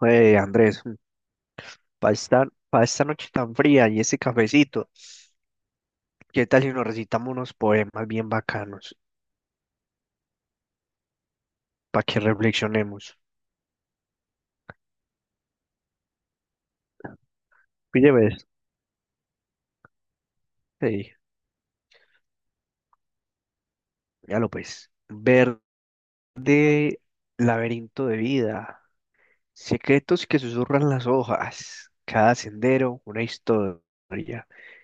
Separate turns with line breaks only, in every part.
Oye, Andrés, para esta, pa' esta noche tan fría y ese cafecito, ¿qué tal si nos recitamos unos poemas bien bacanos para que reflexionemos? Pille, ves. Sí, ya lo pues. Verde laberinto de vida, secretos que susurran las hojas, cada sendero una historia,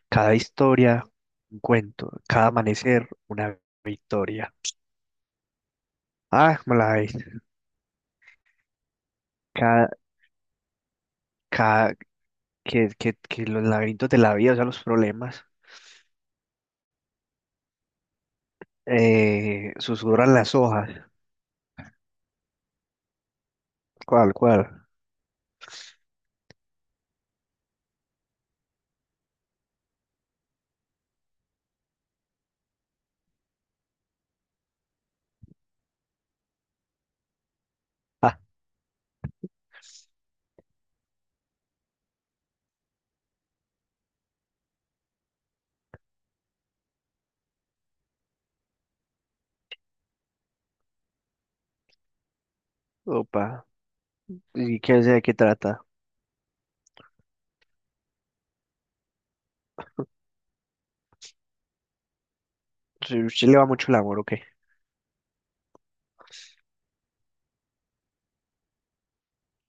cada historia un cuento, cada amanecer una victoria. Ah, ¿como la ves? Cada, cada, que los laberintos de la vida, o sea, los problemas. Susurran las hojas. ¿Cuál, cuál? Ah, opa. ¿Y qué, de qué trata? Sí, usted le va mucho el amor, ¿o qué?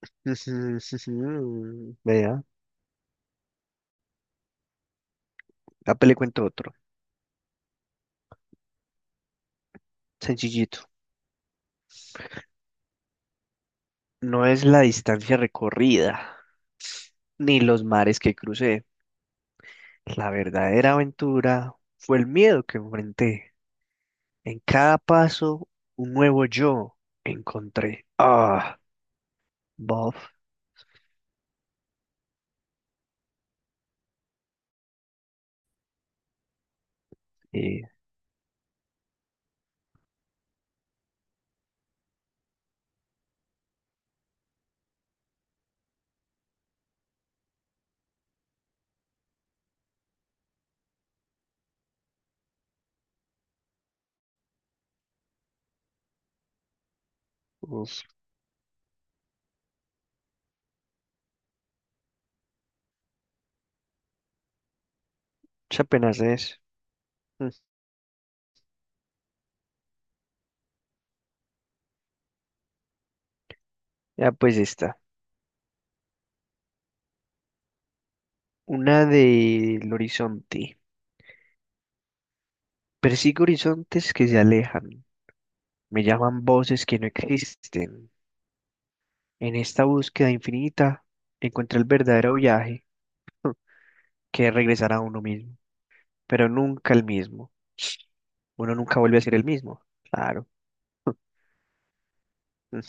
Vea, ya le cuento otro. Sencillito. No es la distancia recorrida, ni los mares que crucé. La verdadera aventura fue el miedo que enfrenté. En cada paso, un nuevo yo encontré. Ah, Bob. Y, Uf, esa apenas es. Mm. Ya pues está. Una del horizonte. Persigo horizontes que se alejan. Me llaman voces que no existen. En esta búsqueda infinita encontré el verdadero viaje que es regresar a uno mismo, pero nunca el mismo. Uno nunca vuelve a ser el mismo. Claro. Mm.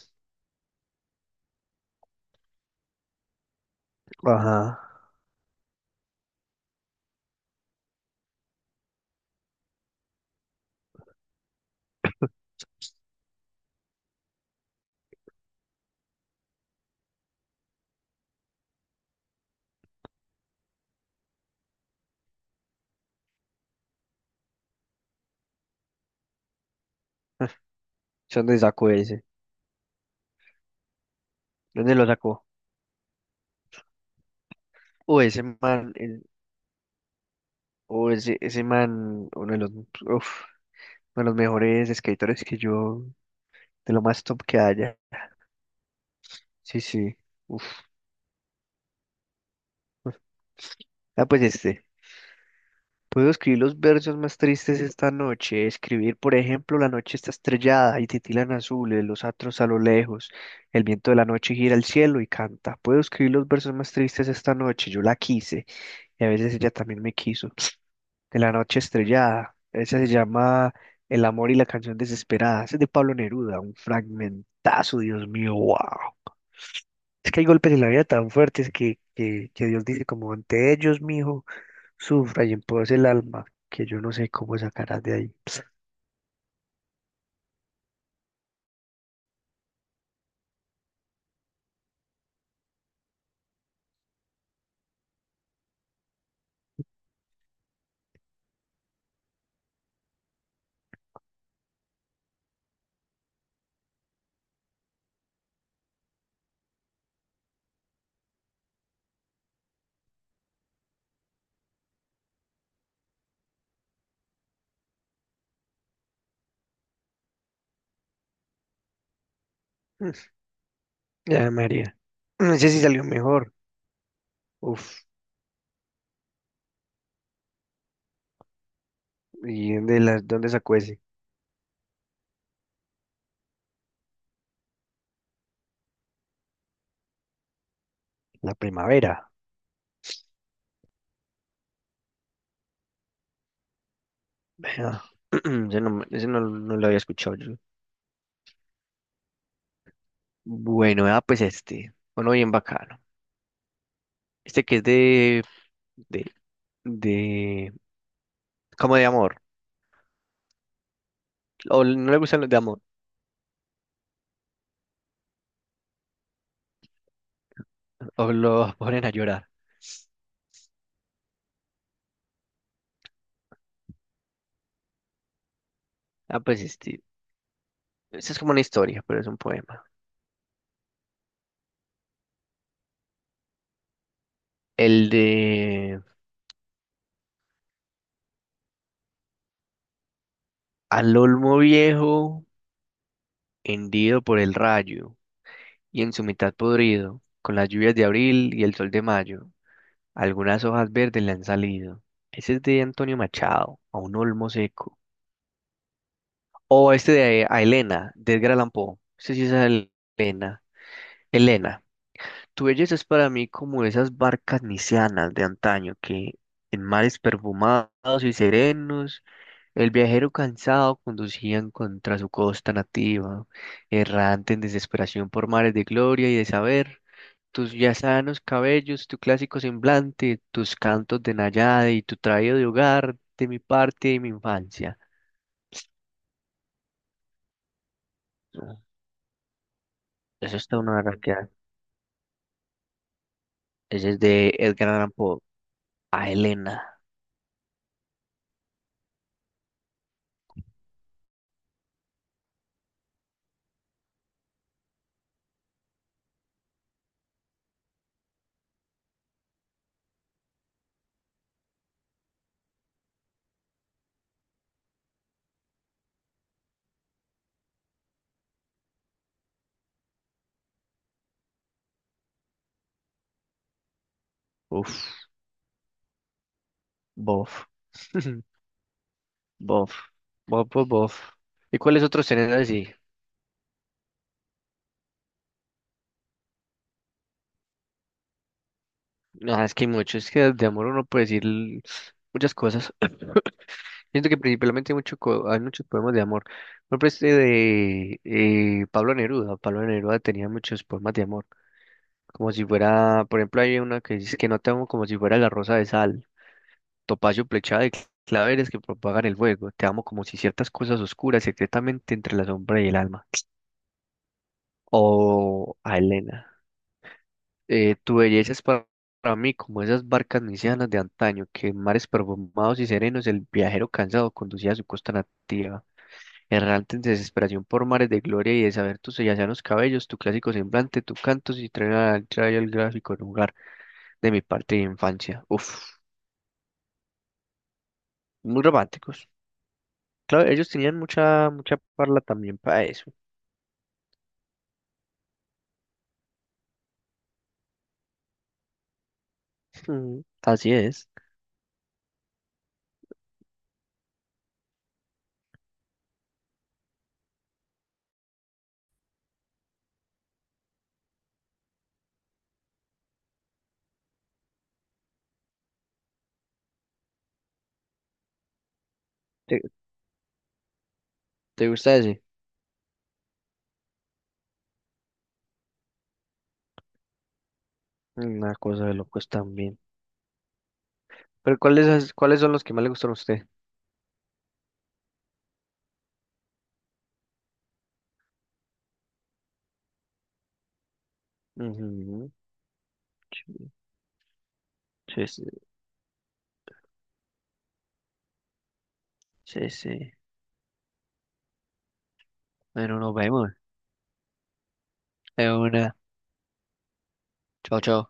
Ajá. ¿Dónde sacó ese? ¿Dónde lo sacó? O ese man, el- o ese man, uno de los, uf, uno de los mejores escritores que yo, de lo más top que haya. Sí, sí. Uf. Ah, pues este. Puedo escribir los versos más tristes esta noche. Escribir, por ejemplo, la noche está estrellada y titilan azules los atros a lo lejos. El viento de la noche gira el cielo y canta. Puedo escribir los versos más tristes esta noche. Yo la quise y a veces ella también me quiso. De la noche estrellada. Esa se llama El amor y la canción desesperada. Ese es de Pablo Neruda. Un fragmentazo, Dios mío, wow. Es que hay golpes en la vida tan fuertes que Dios dice como ante ellos, mijo. Sufra y en empobrece el alma, que yo no sé cómo sacarás de ahí. Mm. Ya, María. No sé si salió mejor. Uf, ¿ dónde sacó ese? La primavera. Vea. Ese no, no lo había escuchado yo. Bueno, ah, pues este. Uno bien bacano. Este que es de, de como de amor. O no le gustan los de amor. O lo ponen a llorar. Ah, pues este. Esta es como una historia, pero es un poema. El de Al Olmo Viejo. Hendido por el rayo, y en su mitad podrido, con las lluvias de abril y el sol de mayo, algunas hojas verdes le han salido. Ese es de Antonio Machado, a un olmo seco. O este de a Elena, de Edgar Allan Poe. Elena. Elena, tu belleza es para mí como esas barcas nisianas de antaño que, en mares perfumados y serenos, el viajero cansado conducían contra su costa nativa, errante en desesperación por mares de gloria y de saber. Tus ya sanos cabellos, tu clásico semblante, tus cantos de Nayade y tu traído de hogar, de mi parte y mi infancia. No, eso está una garraquera. Ese es de Edgar Allan Poe. A Elena. Uf, bof. Bof. Bof, bof, bof. ¿Y cuáles otros tenés así? Ah, es que hay muchos, es que de amor uno puede decir muchas cosas. Siento que principalmente hay, hay muchos poemas de amor. Por ejemplo, este de Pablo Neruda. Pablo Neruda tenía muchos poemas de amor. Como si fuera, por ejemplo, hay una que dice que no te amo como si fuera la rosa de sal, topacio plechada de claveres que propagan el fuego, te amo como si ciertas cosas oscuras secretamente entre la sombra y el alma. O a Elena, tu belleza es pa- para mí como esas barcas nisianas de antaño que en mares perfumados y serenos el viajero cansado conducía a su costa nativa. Errante en desesperación por mares de gloria y de saber tus sellanos cabellos, tu clásico semblante, tu canto y trae al gráfico en lugar. De mi parte de infancia. Uf, muy románticos. Claro, ellos tenían mucha, mucha parla también para eso. Mm. Así es. ¿Te, te gusta ese? Una cosa de locos también. Pero ¿cuáles son los que más le gustan a usted? Ujú. Sí, sí, sí, sí. Bueno, nos vemos. De una. Chao, chao.